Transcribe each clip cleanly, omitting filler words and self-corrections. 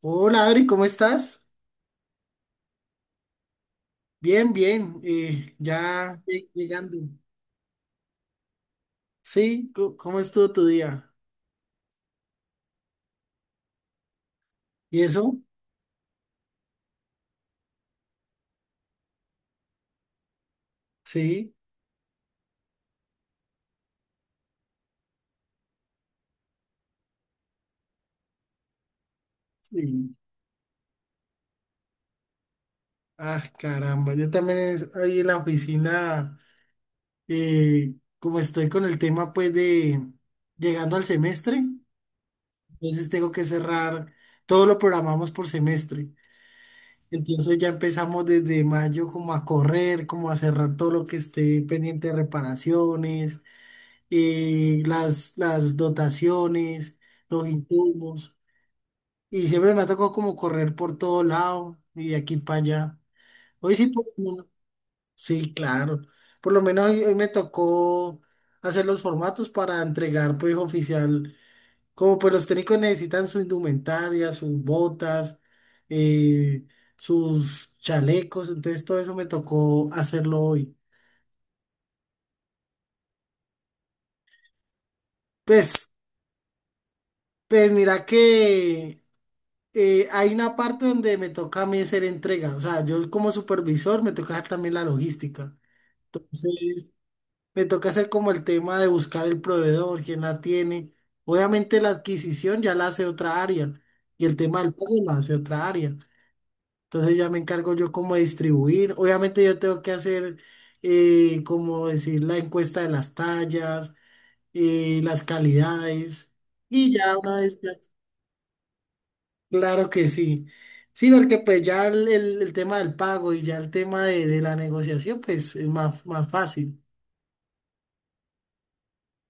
Hola Adri, ¿cómo estás? Bien, bien, ya llegando. Sí, ¿cómo estuvo tu día? ¿Y eso? Sí, sí. Ah, caramba, yo también ahí en la oficina, eh, como estoy con el tema pues de llegando al semestre, entonces tengo que cerrar, todo lo programamos por semestre. Entonces ya empezamos desde mayo como a correr, como a cerrar todo lo que esté pendiente de reparaciones, las dotaciones, los insumos. Y siempre me ha tocado como correr por todo lado y de aquí para allá. Hoy sí, no, sí, claro. Por lo menos hoy, hoy me tocó hacer los formatos para entregar, pues, oficial. Como pues los técnicos necesitan su indumentaria, sus botas, eh, sus chalecos, entonces todo eso me tocó hacerlo hoy. Pues, pues mira que hay una parte donde me toca a mí hacer entrega, o sea, yo como supervisor me toca hacer también la logística. Entonces, me toca hacer como el tema de buscar el proveedor, quién la tiene. Obviamente la adquisición ya la hace otra área y el tema del pago la hace otra área. Entonces ya me encargo yo como de distribuir. Obviamente yo tengo que hacer, como decir, la encuesta de las tallas, las calidades. Y ya una vez que... Claro que sí. Sí, porque pues ya el tema del pago y ya el tema de la negociación, pues es más, más fácil.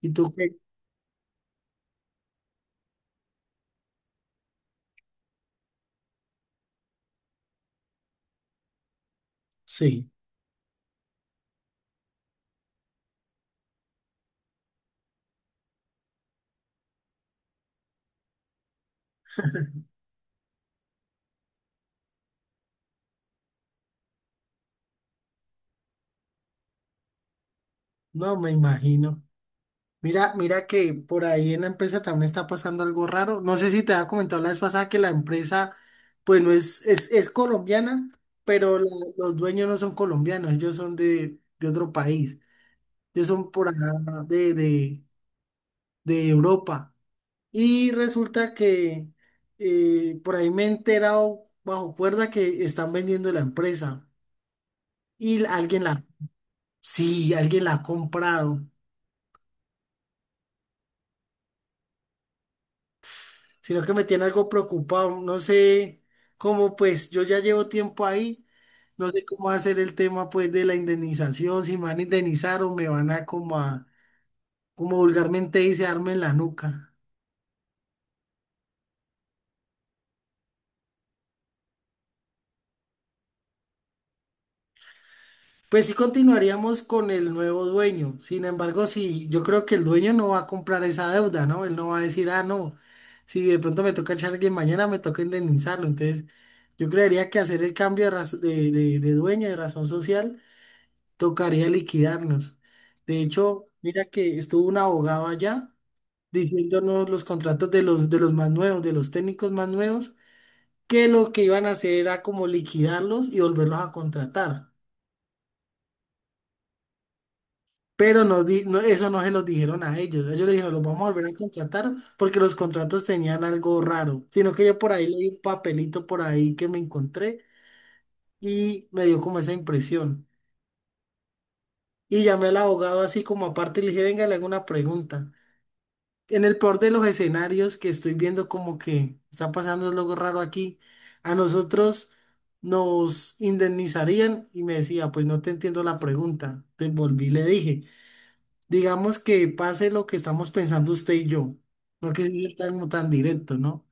¿Y tú qué? Sí, no me imagino. Mira, mira que por ahí en la empresa también está pasando algo raro. No sé si te había comentado la vez pasada que la empresa, pues no es, es colombiana, pero los dueños no son colombianos, ellos son de otro país. Ellos son por acá de, de Europa. Y resulta que por ahí me he enterado bajo cuerda que están vendiendo la empresa y alguien la, sí, alguien la ha comprado, sino que me tiene algo preocupado, no sé cómo pues yo ya llevo tiempo ahí, no sé cómo va a ser el tema pues de la indemnización, si me van a indemnizar o me van a, como vulgarmente dice, darme en la nuca. Pues sí continuaríamos con el nuevo dueño. Sin embargo, sí, yo creo que el dueño no va a comprar esa deuda, ¿no? Él no va a decir, ah, no, si de pronto me toca echar alguien mañana me toca indemnizarlo. Entonces, yo creería que hacer el cambio de, de, de dueño, de razón social, tocaría liquidarnos. De hecho, mira que estuvo un abogado allá diciéndonos los contratos de los más nuevos, de los técnicos más nuevos, que lo que iban a hacer era como liquidarlos y volverlos a contratar. Pero no, eso no se los dijeron a ellos. Ellos le dijeron, los vamos a volver a contratar porque los contratos tenían algo raro. Sino que yo por ahí leí un papelito por ahí que me encontré y me dio como esa impresión. Y llamé al abogado así como aparte y le dije, venga, le hago una pregunta. En el peor de los escenarios que estoy viendo como que está pasando algo raro aquí, a nosotros nos indemnizarían y me decía, pues no te entiendo la pregunta. Te volví y le dije, digamos que pase lo que estamos pensando usted y yo, no que sea tan, tan directo, ¿no?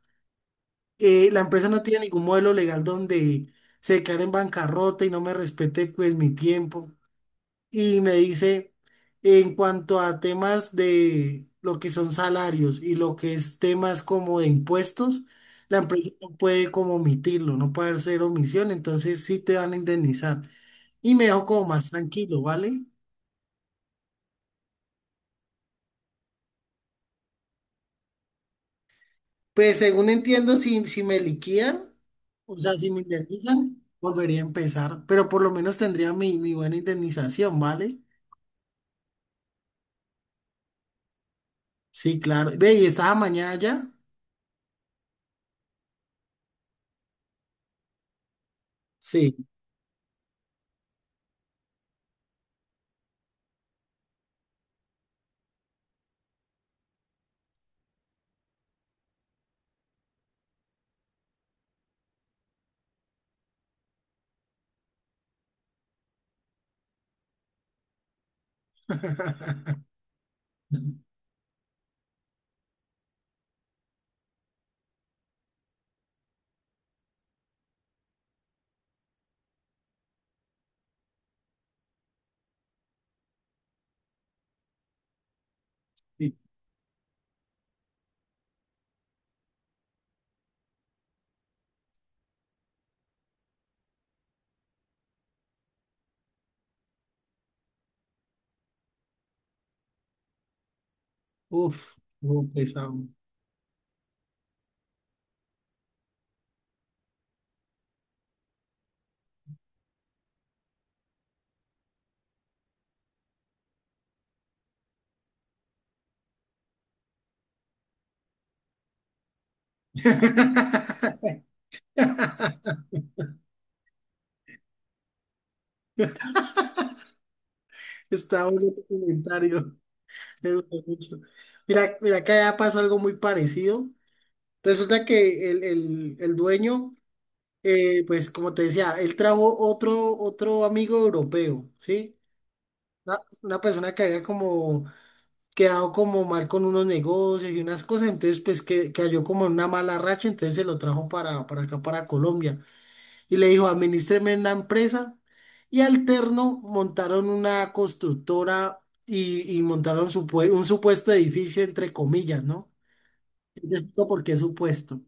La empresa no tiene ningún modelo legal donde se declare en bancarrota y no me respete pues mi tiempo. Y me dice, en cuanto a temas de lo que son salarios y lo que es temas como de impuestos, la empresa no puede como omitirlo, no puede hacer omisión, entonces sí te van a indemnizar. Y me dejó como más tranquilo, ¿vale? Pues según entiendo, si, si me liquidan, o sea, si me indemnizan, volvería a empezar, pero por lo menos tendría mi, mi buena indemnización, ¿vale? Sí, claro. Ve, ¿y estaba mañana ya? Sí. Sí. Uf, estuvo pesado. Está bonito tu comentario. Me gustó mucho. Mira, mira que allá pasó algo muy parecido. Resulta que el, el dueño, pues como te decía, él trajo otro, otro amigo europeo, ¿sí? Una persona que había como quedado como mal con unos negocios y unas cosas, entonces pues que cayó como en una mala racha, entonces se lo trajo para acá, para Colombia, y le dijo, administreme una empresa, y alterno montaron una constructora y montaron un supuesto edificio, entre comillas, ¿no? Yo te explico por qué supuesto.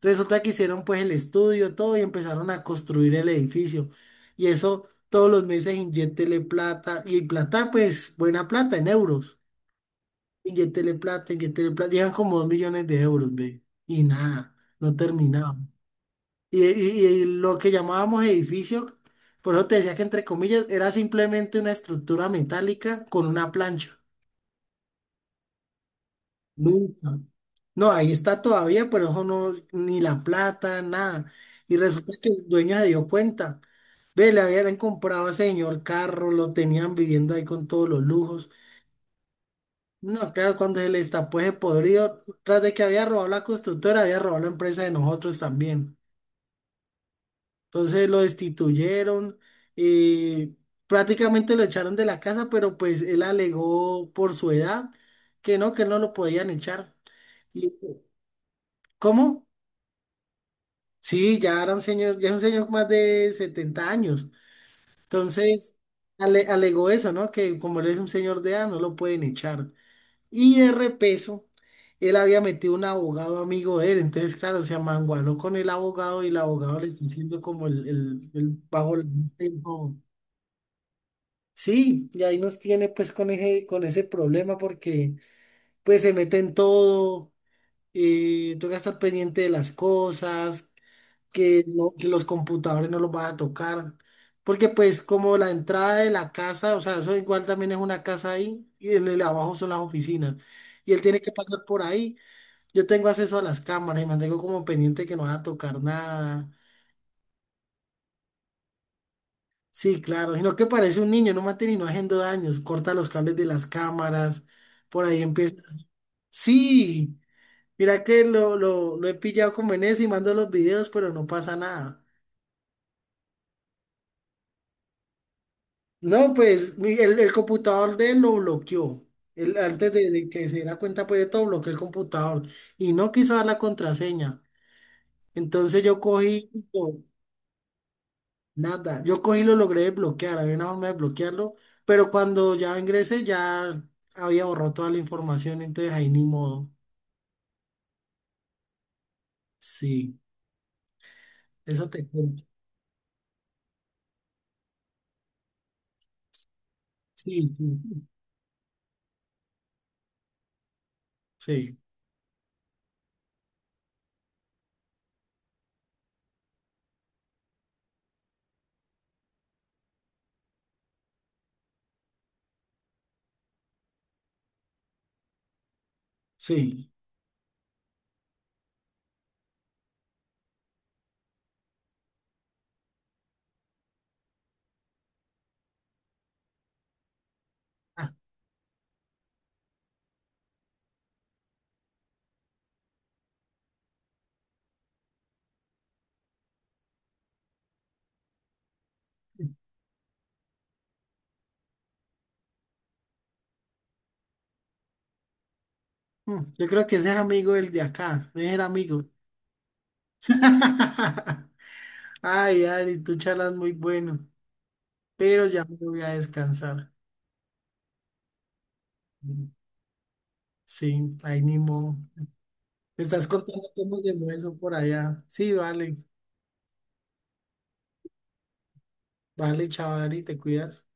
Resulta que hicieron pues el estudio, todo y empezaron a construir el edificio. Y eso todos los meses inyéctele plata y plata pues buena plata en euros. Inyéctele plata, inyéctele plata. Llevan como 2 millones de euros, ve. Y nada, no terminaban. Y, y lo que llamábamos edificio, por eso te decía que entre comillas era simplemente una estructura metálica con una plancha. Nunca. No, ahí está todavía, pero eso no, ni la plata, nada. Y resulta que el dueño se dio cuenta. Ve, le habían comprado a ese señor carro, lo tenían viviendo ahí con todos los lujos. No, claro, cuando se le destapó ese podrido, tras de que había robado la constructora, había robado la empresa de nosotros también. Entonces lo destituyeron y prácticamente lo echaron de la casa, pero pues él alegó por su edad que no lo podían echar. ¿Y cómo? Sí, ya era un señor, ya es un señor más de 70 años. Entonces, alegó eso, ¿no? Que como él es un señor de edad, no lo pueden echar. Y de repeso, él había metido un abogado amigo de él. Entonces, claro, se amangualó con el abogado y el abogado le está haciendo como el, el bajo la mesa y el bobo. Sí, y ahí nos tiene pues con ese problema porque pues se mete en todo, toca estar pendiente de las cosas que, que los computadores no los van a tocar. Porque pues como la entrada de la casa, o sea, eso igual también es una casa ahí, y en el abajo son las oficinas. Y él tiene que pasar por ahí. Yo tengo acceso a las cámaras y mantengo como pendiente que no va a tocar nada. Sí, claro, sino que parece un niño, no mate ni no haciendo daños, corta los cables de las cámaras, por ahí empieza. Sí, mira que lo he pillado como en eso y mando los videos, pero no pasa nada. No, pues el computador de él lo bloqueó. Él, antes de que se diera cuenta pues de todo, bloqueó el computador y no quiso dar la contraseña. Entonces yo cogí, no, nada, yo cogí y lo logré desbloquear, había una forma de bloquearlo, pero cuando ya ingresé ya había borrado toda la información, entonces ahí ni modo. Sí, eso te cuento. Sí, sí, sí, sí. Ah, mm, yo creo que ese es amigo del de acá, ese era amigo. Ay, Ari, tú charlas muy bueno, pero ya me voy a descansar. Sí, ahí ni modo. Me estás contando cómo se mueve eso por allá. Sí, vale, vale, chaval, Ari, te cuidas.